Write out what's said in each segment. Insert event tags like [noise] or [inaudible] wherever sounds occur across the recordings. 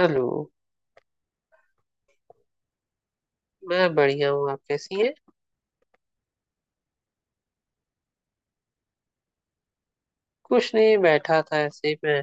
Hello. मैं बढ़िया हूँ। आप कैसी हैं? कुछ नहीं, बैठा था ऐसे ही मैं।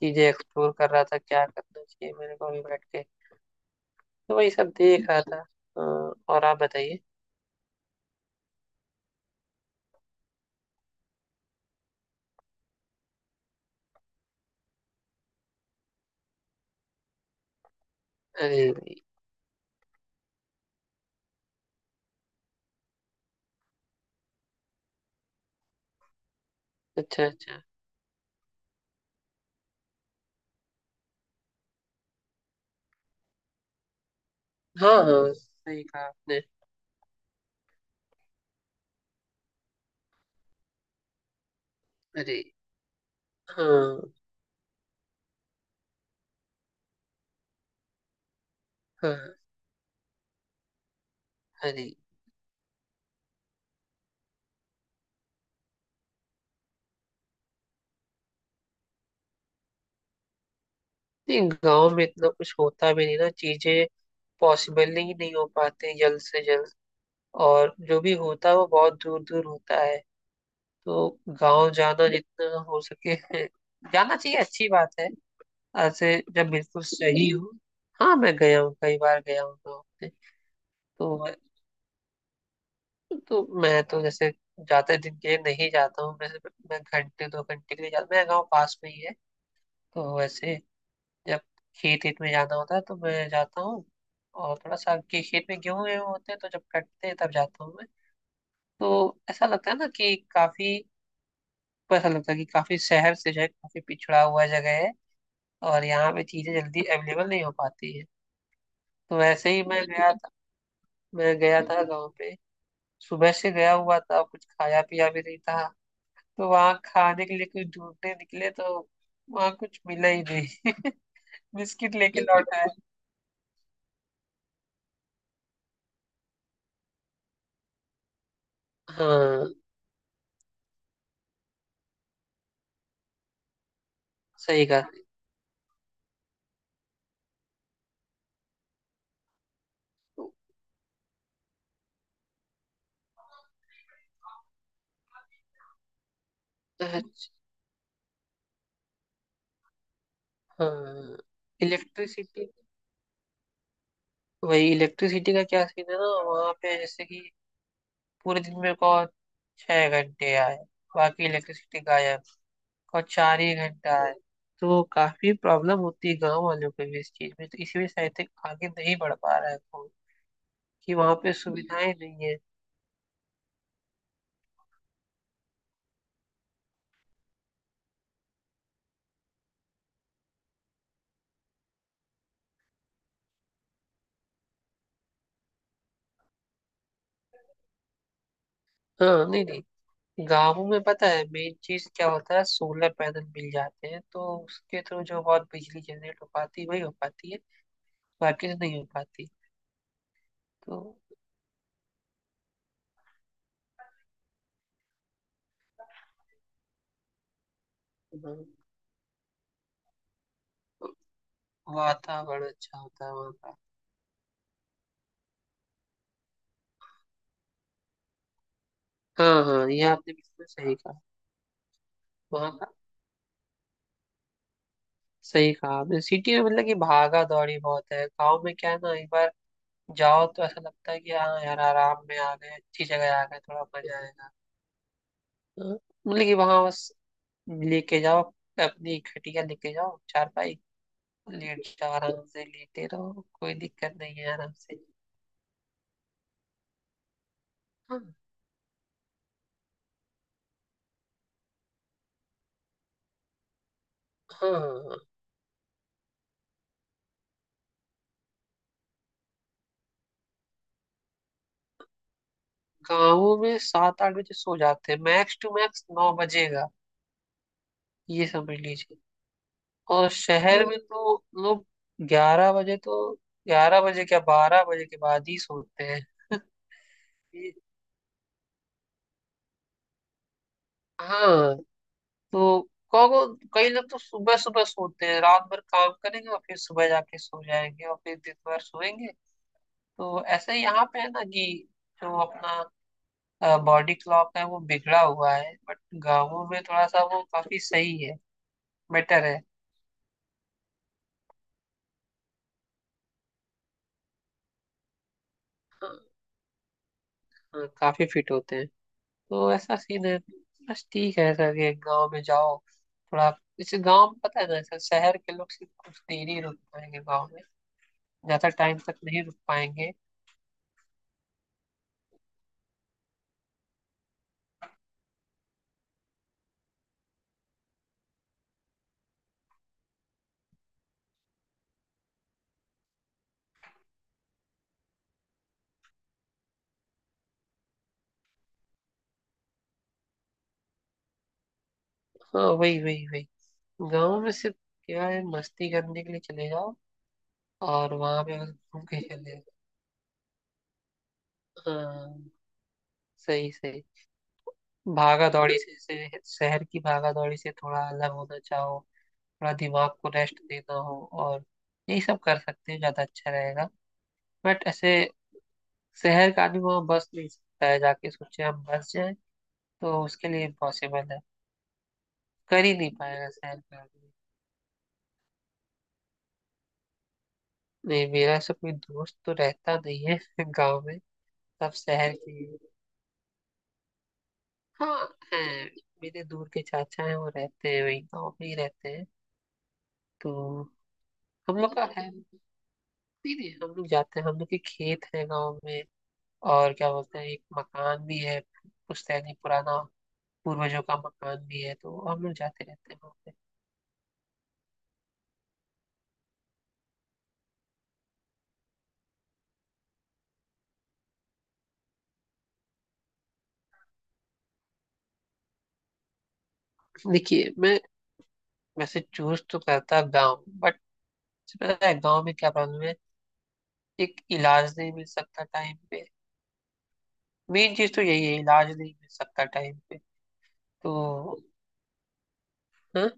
चीजें एक्सप्लोर कर रहा था, क्या करना चाहिए मेरे को भी बैठ के। तो वही सब देख रहा था। और आप बताइए। अरे भाई। अच्छा, अच्छा। हाँ हाँ, सही कहा आपने। अरे। हाँ हाँ। अरे। नहीं, गांव में इतना कुछ होता भी नहीं ना, चीजें पॉसिबल ही नहीं हो पाते जल्द से जल्द। और जो भी होता है वो बहुत दूर दूर होता है। तो गांव जाना जितना हो सके जाना चाहिए, अच्छी बात है। ऐसे जब बिल्कुल सही हो। हाँ, मैं गया हूँ, कई बार गया हूँ गाँव में। तो मैं- तो मैं तो जैसे ज्यादा दिन के लिए नहीं जाता हूँ मैं। मैं घंटे 2 घंटे के लिए जाता हूँ। मेरा गाँव पास में ही है। तो वैसे, जब खेत खेत में जाना होता है तो मैं जाता हूँ। और थोड़ा सा के खेत में गेहूं वेहूं होते हैं तो जब कटते हैं तब जाता हूँ मैं। तो ऐसा लगता है ना कि काफी। ऐसा लगता है कि काफी शहर से जो है, काफी पिछड़ा हुआ जगह है। और यहाँ पे चीजें जल्दी अवेलेबल नहीं हो पाती है। तो ऐसे ही मैं गया था। मैं गया था गाँव पे। सुबह से गया हुआ था, कुछ खाया पिया भी नहीं था। तो वहाँ खाने के लिए कुछ ढूंढने निकले तो वहाँ कुछ मिला ही नहीं, बिस्किट लेके लौट आए। हाँ, सही कहा। अच्छा। हाँ। इलेक्ट्रिसिटी। वही, इलेक्ट्रिसिटी का क्या सीन है ना वहाँ पे, जैसे कि पूरे दिन मेरे को 6 घंटे आए, बाकी इलेक्ट्रिसिटी गायब। और 4 ही घंटा है। तो काफी प्रॉब्लम होती है गांव वालों को भी इस चीज में, तो इसी वजह से आई थिंक आगे नहीं बढ़ पा रहा है फोन, कि वहां पे सुविधाएं नहीं है। हाँ, नहीं नहीं। गांवों में पता है मेन चीज क्या होता है? सोलर पैनल मिल जाते हैं तो उसके थ्रू जो बहुत बिजली जनरेट हो पाती है वही हो पाती है। बाकी से नहीं हो पाती। तो हाँ, वातावरण अच्छा होता है वहाँ का। हाँ हाँ, ये आपने बिल्कुल सही कहा। वहाँ का। सही कहा आपने। सिटी में मतलब कि भागा दौड़ी बहुत है, गाँव में क्या है ना, एक बार जाओ तो ऐसा लगता है कि हाँ यार, आराम में आ गए, अच्छी जगह आ गए, थोड़ा मजा आएगा। हाँ, मतलब कि वहां बस लेके जाओ, अपनी खटिया लेके जाओ, चारपाई लेट जाओ आराम से, लेटे रहो, कोई दिक्कत नहीं है, आराम से। हाँ हाँ। गाँवों में 7-8 बजे सो जाते हैं, मैक्स टू मैक्स 9 बजेगा, ये समझ लीजिए। और शहर में तो लोग 11 बजे तो, 11 बजे क्या, 12 बजे के बाद ही सोते हैं। [laughs] ये- हाँ। तो कहो, कई लोग तो सुबह सुबह सोते हैं, रात भर काम करेंगे और फिर सुबह जाके सो जाएंगे और फिर दिन भर सोएंगे। तो ऐसे ही यहाँ पे है ना कि जो अपना बॉडी क्लॉक है वो बिगड़ा हुआ है, बट गाँवों में थोड़ा सा वो काफी सही है, बेटर है। हाँ, हाँ, काफी फिट होते हैं। तो ऐसा सीन है, बस ठीक है ऐसा कि गाँव में जाओ थोड़ा। जैसे गाँव में पता है ना, ऐसा शहर के लोग सिर्फ कुछ देर ही रुक पाएंगे गाँव में, ज्यादा टाइम तक नहीं रुक पाएंगे। हाँ, वही वही वही। गाँव में सिर्फ क्या है, मस्ती करने के लिए चले जाओ और वहां पे बस घूम के चले जाओ। हाँ, सही सही। से शहर की भागा दौड़ी से थोड़ा अलग होना चाहो, थोड़ा दिमाग को रेस्ट देना हो और यही सब कर सकते हैं, ज्यादा अच्छा रहेगा। बट ऐसे शहर का आदमी वहाँ बस नहीं सकता है, जाके सोचे हम बस जाए, तो उसके लिए इम्पॉसिबल है, कर ही नहीं पाएगा शहर का आदमी। नहीं, मेरा ऐसा कोई दोस्त तो रहता नहीं है [laughs] गाँव में। सब शहर के ही हैं। हाँ, है। मेरे दूर के चाचा हैं, वो रहते हैं वही गाँव में ही रहते हैं। तो हम लोग का है नहीं। नहीं, हम लोग जाते हैं, हम लोग के खेत है गाँव में। और क्या बोलते हैं, एक मकान भी है, पुश्तैनी पुराना, पूर्वजों का मकान भी है, तो हम लोग जाते रहते हैं वहाँ। पे देखिए, मैं वैसे चूज तो करता गाँव, बट पता है गाँव में क्या प्रॉब्लम है? एक, इलाज नहीं मिल सकता टाइम पे। मेन चीज तो यही है, इलाज नहीं मिल सकता टाइम पे। तो हाँ?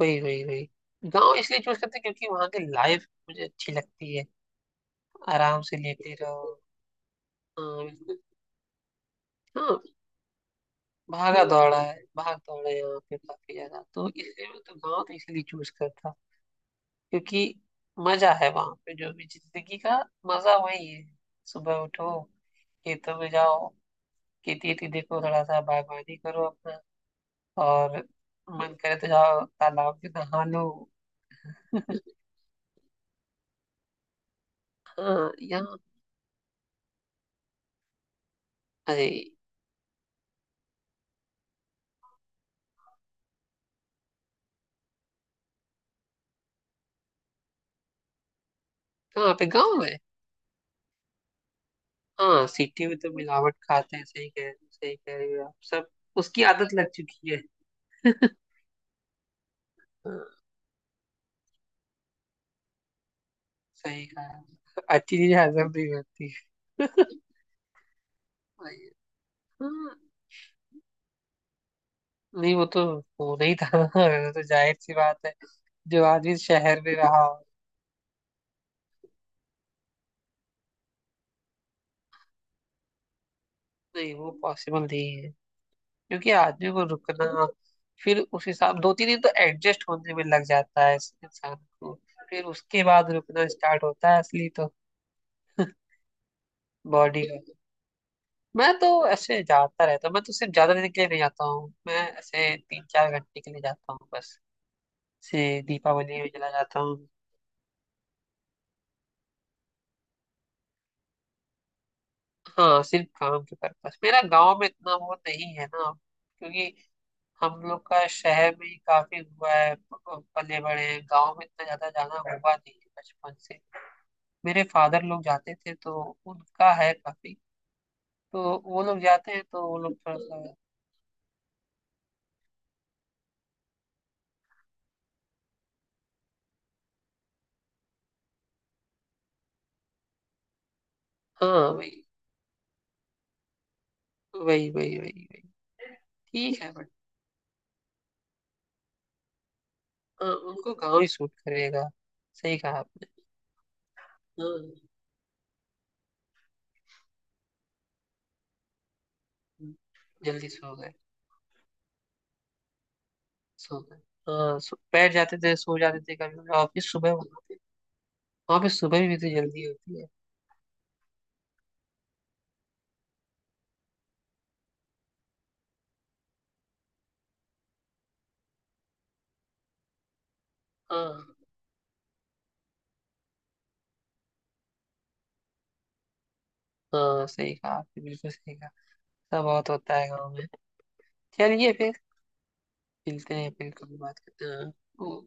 वही वही वही गाँव इसलिए चूज करते हैं क्योंकि वहाँ की लाइफ मुझे अच्छी लगती है। आराम से लेटे रहो। हाँ बिल्कुल। हाँ, भागा दौड़ा है, भाग दौड़ा है यहाँ पे काफी ज्यादा, तो इसलिए मैं तो गाँव तो इसलिए चूज करता। क्योंकि मजा है वहाँ पे, जो भी जिंदगी का मजा वही है। सुबह उठो, खेतों में जाओ, खेती वेती देखो, थोड़ा सा बागवानी करो अपना। और मन करे तो जाओ तालाब में नहा लो। हाँ। यहाँ? अरे, कहाँ पे गाँव में? हाँ, सिटी में तो मिलावट खाते हैं। सही कह रही हो आप सब। उसकी आदत लग चुकी है। हाँ, सही कहा। अच्छी चीजें हजम नहीं करती है। वही- हाँ, नहीं वो तो होना ही था ना, वो तो जाहिर सी बात है, जो आदमी शहर में रहा हो। नहीं वो पॉसिबल नहीं है, क्योंकि आदमी को रुकना, फिर उस हिसाब 2-3 दिन तो एडजस्ट होने में लग जाता है इस इंसान को। फिर उसके बाद रुकना स्टार्ट होता है असली तो बॉडी का। मैं तो ऐसे जाता रहता हूँ, मैं तो सिर्फ ज्यादा दिन के लिए नहीं जाता हूँ, मैं ऐसे 3-4 घंटे के लिए जाता हूँ बस, से दीपावली में चला जाता हूँ। हाँ, सिर्फ काम के पर्पस। मेरा गांव में इतना वो नहीं है ना, क्योंकि हम लोग का शहर में ही काफी हुआ है, पले बड़े हैं गांव में, इतना ज्यादा जाना हुआ नहीं है बचपन से। मेरे फादर लोग जाते थे तो उनका है काफी, तो वो लोग जाते हैं, तो वो लोग थोड़ा सा। हाँ, वही वही वही वही वही, ठीक है। हाँ, उनको गाँव ही सूट करेगा। सही कहा आपने। हाँ हाँ, जल्दी सो गए, सो गए। हाँ, बैठ जाते थे, सो जाते थे, कभी कभी ऑफिस सुबह होती है। ऑफिस सुबह भी तो जल्दी होती है। हाँ हाँ, सही कहा आपने, बिल्कुल सही कहा। सब बहुत होता है गाँव में। चलिए फिर, मिलते हैं फिर, कभी बात करते हैं। हाँ। ओ-